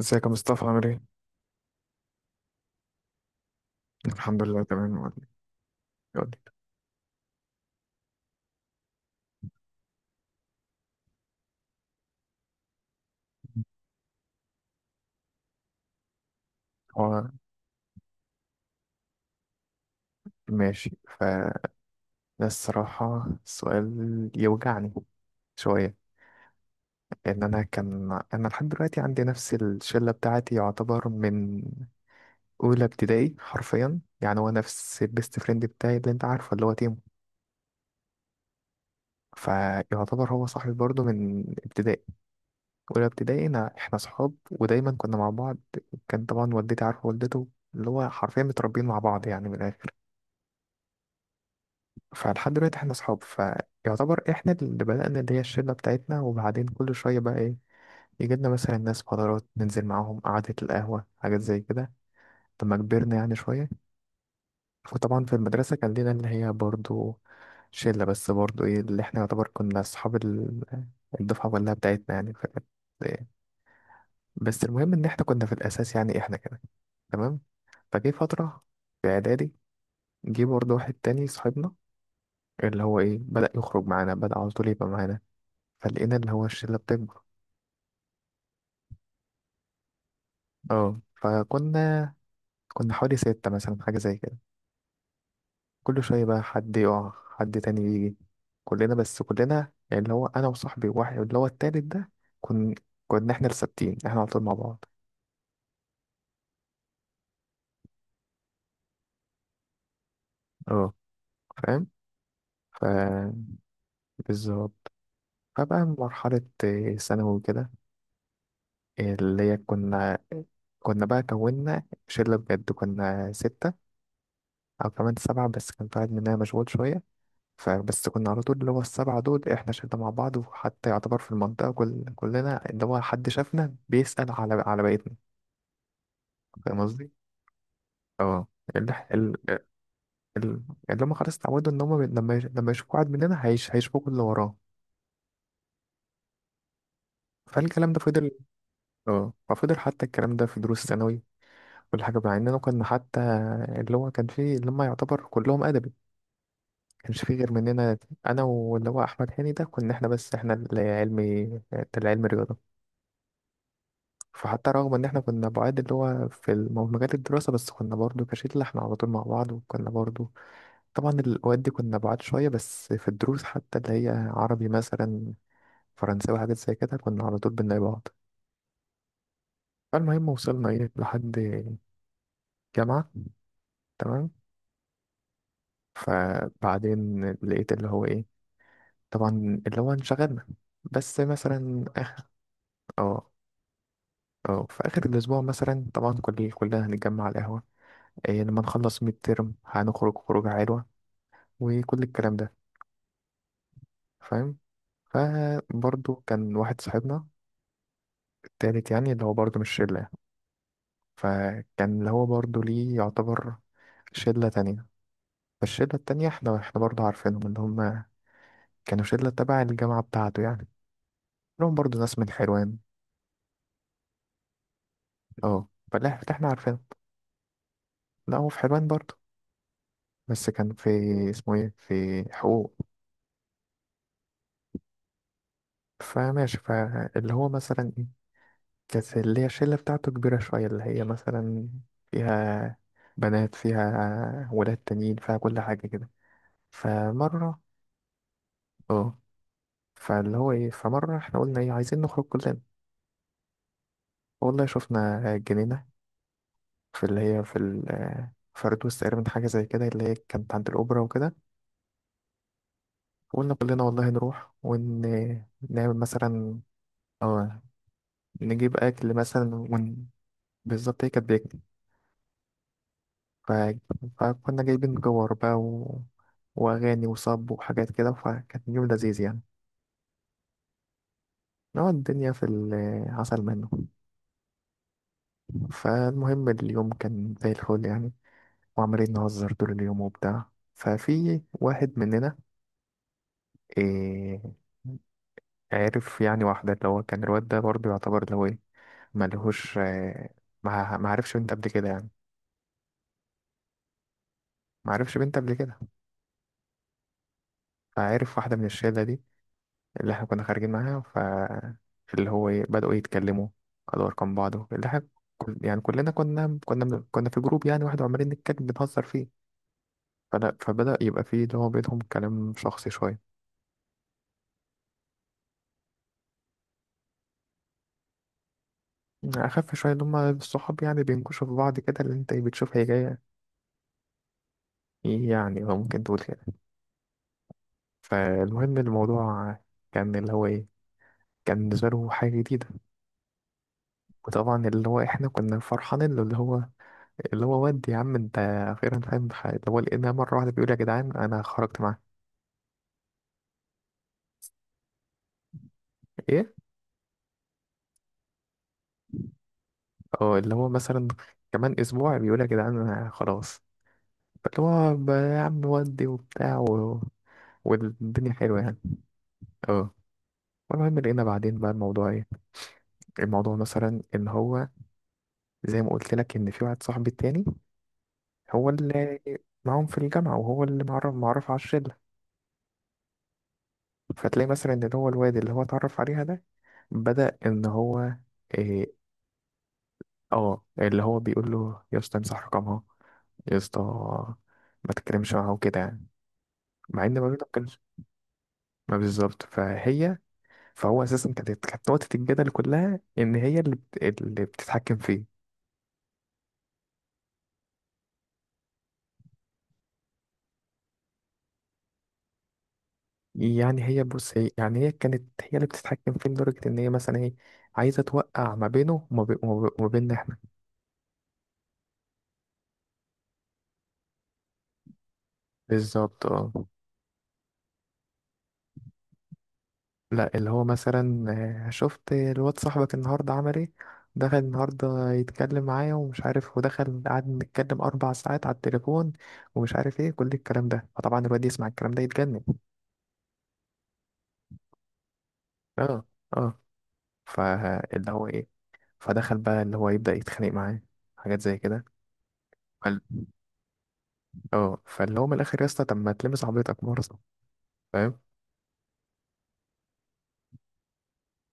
ازيك يا مصطفى؟ عامل ايه؟ الحمد لله تمام، يقول لي. هو ماشي. فده الصراحة السؤال يوجعني شوية. لأن أنا كان لحد دلوقتي عندي نفس الشلة بتاعتي، يعتبر من أولى ابتدائي حرفيا. يعني هو نفس البيست فريند بتاعي اللي أنت عارفه، اللي هو تيمو. فيعتبر هو صاحبي برضه من ابتدائي، أولى ابتدائي. أنا إحنا صحاب ودايما كنا مع بعض. كان طبعا والدتي عارفة والدته، اللي هو حرفيا متربيين مع بعض يعني من الآخر. فلحد دلوقتي احنا اصحاب. فيعتبر احنا اللي بدأنا اللي هي الشلة بتاعتنا. وبعدين كل شوية بقى ايه، يجي لنا مثلا ناس فترات، ننزل معاهم قعدة القهوة، حاجات زي كده، لما كبرنا يعني شوية. وطبعا في المدرسة كان لنا اللي هي برضو شلة، بس برضو ايه، اللي احنا يعتبر كنا اصحاب الدفعة كلها بتاعتنا يعني. فكانت إيه. بس المهم ان احنا كنا في الاساس يعني احنا كده، تمام. فجه فترة في اعدادي، جه برضو واحد تاني صاحبنا، اللي هو ايه، بدأ يخرج معانا، بدأ على طول يبقى معانا. فلقينا اللي هو الشلة بتكبر. اه فكنا، كنا حوالي ستة مثلا، حاجة زي كده. كل شوية بقى حد يقع، حد تاني يجي. كلنا بس كلنا يعني اللي هو أنا وصاحبي واحد اللي هو التالت ده، كن كنا احنا الثابتين، احنا على طول مع بعض. اه، فاهم. ف بالظبط. فبقى مرحلة ثانوي كده. اللي هي كنا، كنا بقى كونا شلة بجد، كنا ستة أو كمان سبعة، بس كان في واحد مننا مشغول شوية. فبس كنا على طول اللي هو السبعة دول احنا شلنا مع بعض. وحتى يعتبر في المنطقة كلنا اللي هو حد شافنا بيسأل على بقيتنا. فاهم قصدي؟ اه. اللي ال- اللي هم خلاص اتعودوا ان هم لما يشوفوا واحد مننا هيشوفوا اللي وراه. فالكلام ده فضل. اه، ففضل حتى الكلام ده في دروس الثانوي، كل حاجة. مع اننا كنا حتى اللي هو كان فيه اللي هم يعتبر كلهم أدبي، كانش فيه غير مننا انا واللي هو احمد هاني ده. كنا احنا بس احنا اللي علمي، اللي علمي رياضة. فحتى رغم ان احنا كنا بعاد اللي هو في مجال الدراسة، بس كنا برضو كشلة احنا على طول مع بعض. وكنا برضو طبعا الاوقات دي كنا بعاد شوية، بس في الدروس حتى اللي هي عربي مثلا، فرنساوي، حاجات زي كده كنا على طول بنلاقي بعض. فالمهم وصلنا ايه لحد جامعة، تمام. فبعدين لقيت اللي هو ايه، طبعا اللي هو انشغلنا، بس مثلا اخر. اه اه، في اخر الاسبوع مثلا طبعا كلنا هنتجمع على القهوة، إيه، لما نخلص ميد ترم هنخرج خروجة حلوة، وكل الكلام ده. فاهم. فبرضه كان واحد صاحبنا التالت يعني، اللي هو برضه مش شلة يعني. فكان اللي هو برضه ليه يعتبر شلة تانية. فالشلة التانية احنا، برضه عارفينهم، اللي هم كانوا شلة تبع الجامعة بتاعته يعني، لهم برضه ناس من حلوان. اه، فلا احنا عارفينهم. لا، هو في حلوان برضه، بس كان في اسمه ايه، في حقوق. فماشي. فاللي هو مثلا ايه، كانت اللي هي الشلة بتاعته كبيرة شوية، اللي هي مثلا فيها بنات، فيها ولاد تانيين، فيها كل حاجة كده. فمرة، اه، فاللي هو ايه، فمرة احنا قلنا ايه عايزين نخرج كلنا. والله شفنا جنينة في اللي هي في ال فردوس تقريبا، حاجة زي كده، اللي هي كانت عند الأوبرا وكده. وقلنا كلنا والله نروح ونعمل مثلا، اه، نجيب أكل مثلا ون... بالظبط، هي كانت بيك. ف... فكنا جايبين جوار بقى و... وأغاني وصب وحاجات كده، فكان يوم لذيذ يعني، نقعد الدنيا في العسل منه. فالمهم اليوم كان زي الفل يعني، وعمالين نهزر طول اليوم وبتاع. ففي واحد مننا إيه، عرف يعني واحدة. اللي هو كان الواد ده برضه يعتبر اللي هو ايه، ملهوش، ما عرفش بنت قبل كده يعني. ما عرفش بنت قبل كده. فعرف واحدة من الشلة دي اللي احنا كنا خارجين معاها. ف اللي هو ايه، بدأوا يتكلموا، خدوا ارقام بعض. اللي احنا كل... يعني كلنا كنا من... كنا في جروب يعني واحد، وعمالين نتكلم بنهزر فيه. فلا، فبدأ يبقى فيه اللي هو بينهم كلام شخصي شوية، أخف شوية، اللي هما الصحاب يعني بينكشوا في بعض كده، اللي أنت إيه، بتشوف هي جاية. إيه يعني، هو ممكن تقول كده. فالمهم الموضوع كان اللي هو إيه، كان بالنسبة له حاجة جديدة. وطبعا اللي هو إحنا كنا فرحانين له، اللي هو اللي هو ودي يا عم انت اخيرا فاهم في حاجة. اللي هو لقينا مرة واحدة بيقول يا جدعان انا خرجت معاه. ايه، اه، اللي هو مثلا كمان اسبوع بيقول يا جدعان انا خلاص، اللي هو يا عم ودي وبتاع و... والدنيا حلوة يعني. اه. المهم لقينا بعدين بقى الموضوع ايه، الموضوع مثلا ان هو زي ما قلت لك ان في واحد صاحبي التاني، هو اللي معاهم في الجامعة، وهو اللي معرف على الشلة. فتلاقي مثلا ان هو الواد اللي هو اتعرف عليها ده بدأ ان هو آه، اه، اللي هو بيقول له يا اسطى امسح رقمها، يا اسطى ما تتكلمش معاها وكده يعني. مع ان مامتها ما كانش، ما بالظبط، فهي، فهو اساسا كانت، نقطة الجدل كلها ان هي اللي بت... اللي بتتحكم فيه. يعني هي، بص، هي يعني هي كانت هي اللي بتتحكم فيه، لدرجة ان هي مثلا ايه، عايزة توقع ما بينه وما بيننا احنا. بالظبط، اه. لا، اللي هو مثلا، شفت الواد صاحبك النهارده عمل ايه، دخل النهارده يتكلم معايا ومش عارف، ودخل قعد نتكلم 4 ساعات على التليفون، ومش عارف ايه كل الكلام ده. فطبعا الواد يسمع الكلام ده يتجنن. اه اه. فاللي هو ايه، فدخل بقى اللي هو يبدأ يتخانق معاه، حاجات زي كده. فال- اه، فاللي هو من الاخر يا اسطى، طب ما تلمس عربيتك مرة. فاهم.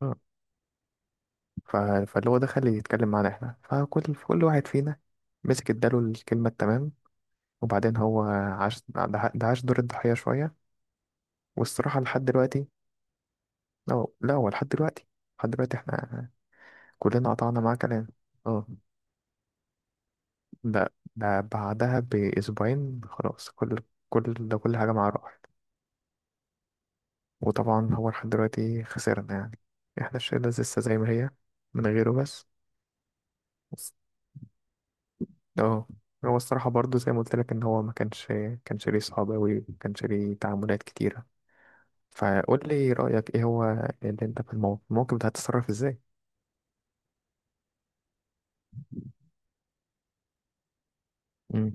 اه. ف- فاللي هو دخل يتكلم معانا احنا، فكل واحد فينا مسك اداله الكلمة التمام. وبعدين هو عاش ده، ده عاش دور الضحية شوية. والصراحة لحد دلوقتي، لا هو لحد دلوقتي، لحد دلوقتي احنا كلنا قطعنا معاه كلام. اه. ده بعدها بأسبوعين خلاص، كل كل ده كل حاجة معاه راحت. وطبعا هو لحد دلوقتي خسرنا يعني، احنا الشلة لسه زي ما هي من غيره بس. بس- اه، هو الصراحة برضو زي ما قلت لك ان هو ما كانش، كانش ليه صحاب أوي، ما كانش ليه تعاملات كتيرة. فقول لي رأيك ايه، هو اللي انت في الموقف ده هتتصرف ازاي؟ مم.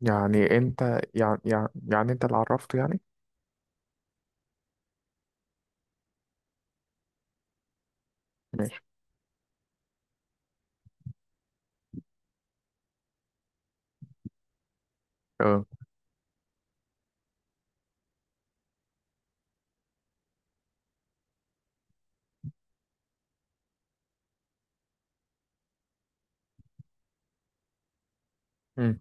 يعني انت، يعني يعني انت اللي عرفته يعني. ماشي. اه. مم.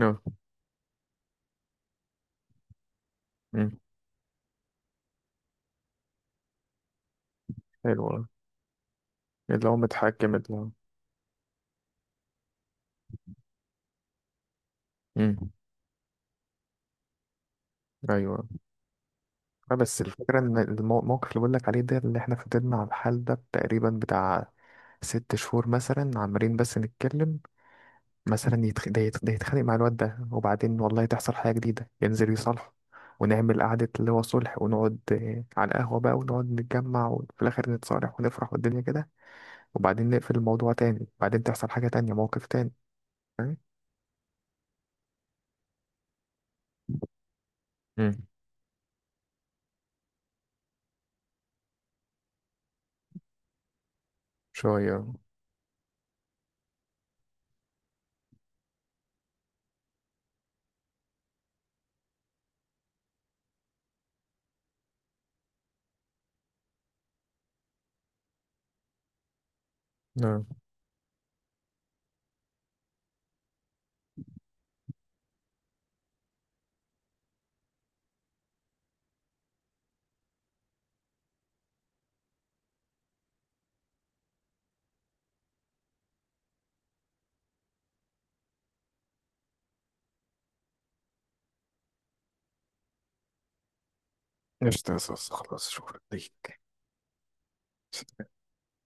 اه. مم. حلو أوي. اللي هو متحكم، اللي هو. مم. ايوه. اه بس الفكره ان الموقف اللي بقول لك عليه ده، اللي احنا فضلنا على الحال ده تقريبا بتاع 6 شهور مثلا، عمالين بس نتكلم. مثلا يتخ... ده يتخانق مع الواد ده، وبعدين والله تحصل حاجه جديده ينزل يصالحه، ونعمل قعدة اللي هو صلح، ونقعد على القهوة بقى، ونقعد نتجمع، وفي الآخر نتصالح ونفرح والدنيا كده. وبعدين نقفل الموضوع تاني، وبعدين تحصل حاجة تانية، موقف تاني. فاهم. مم. شوية. نعم. قشطة يا صوص، خلاص شكرا ليك.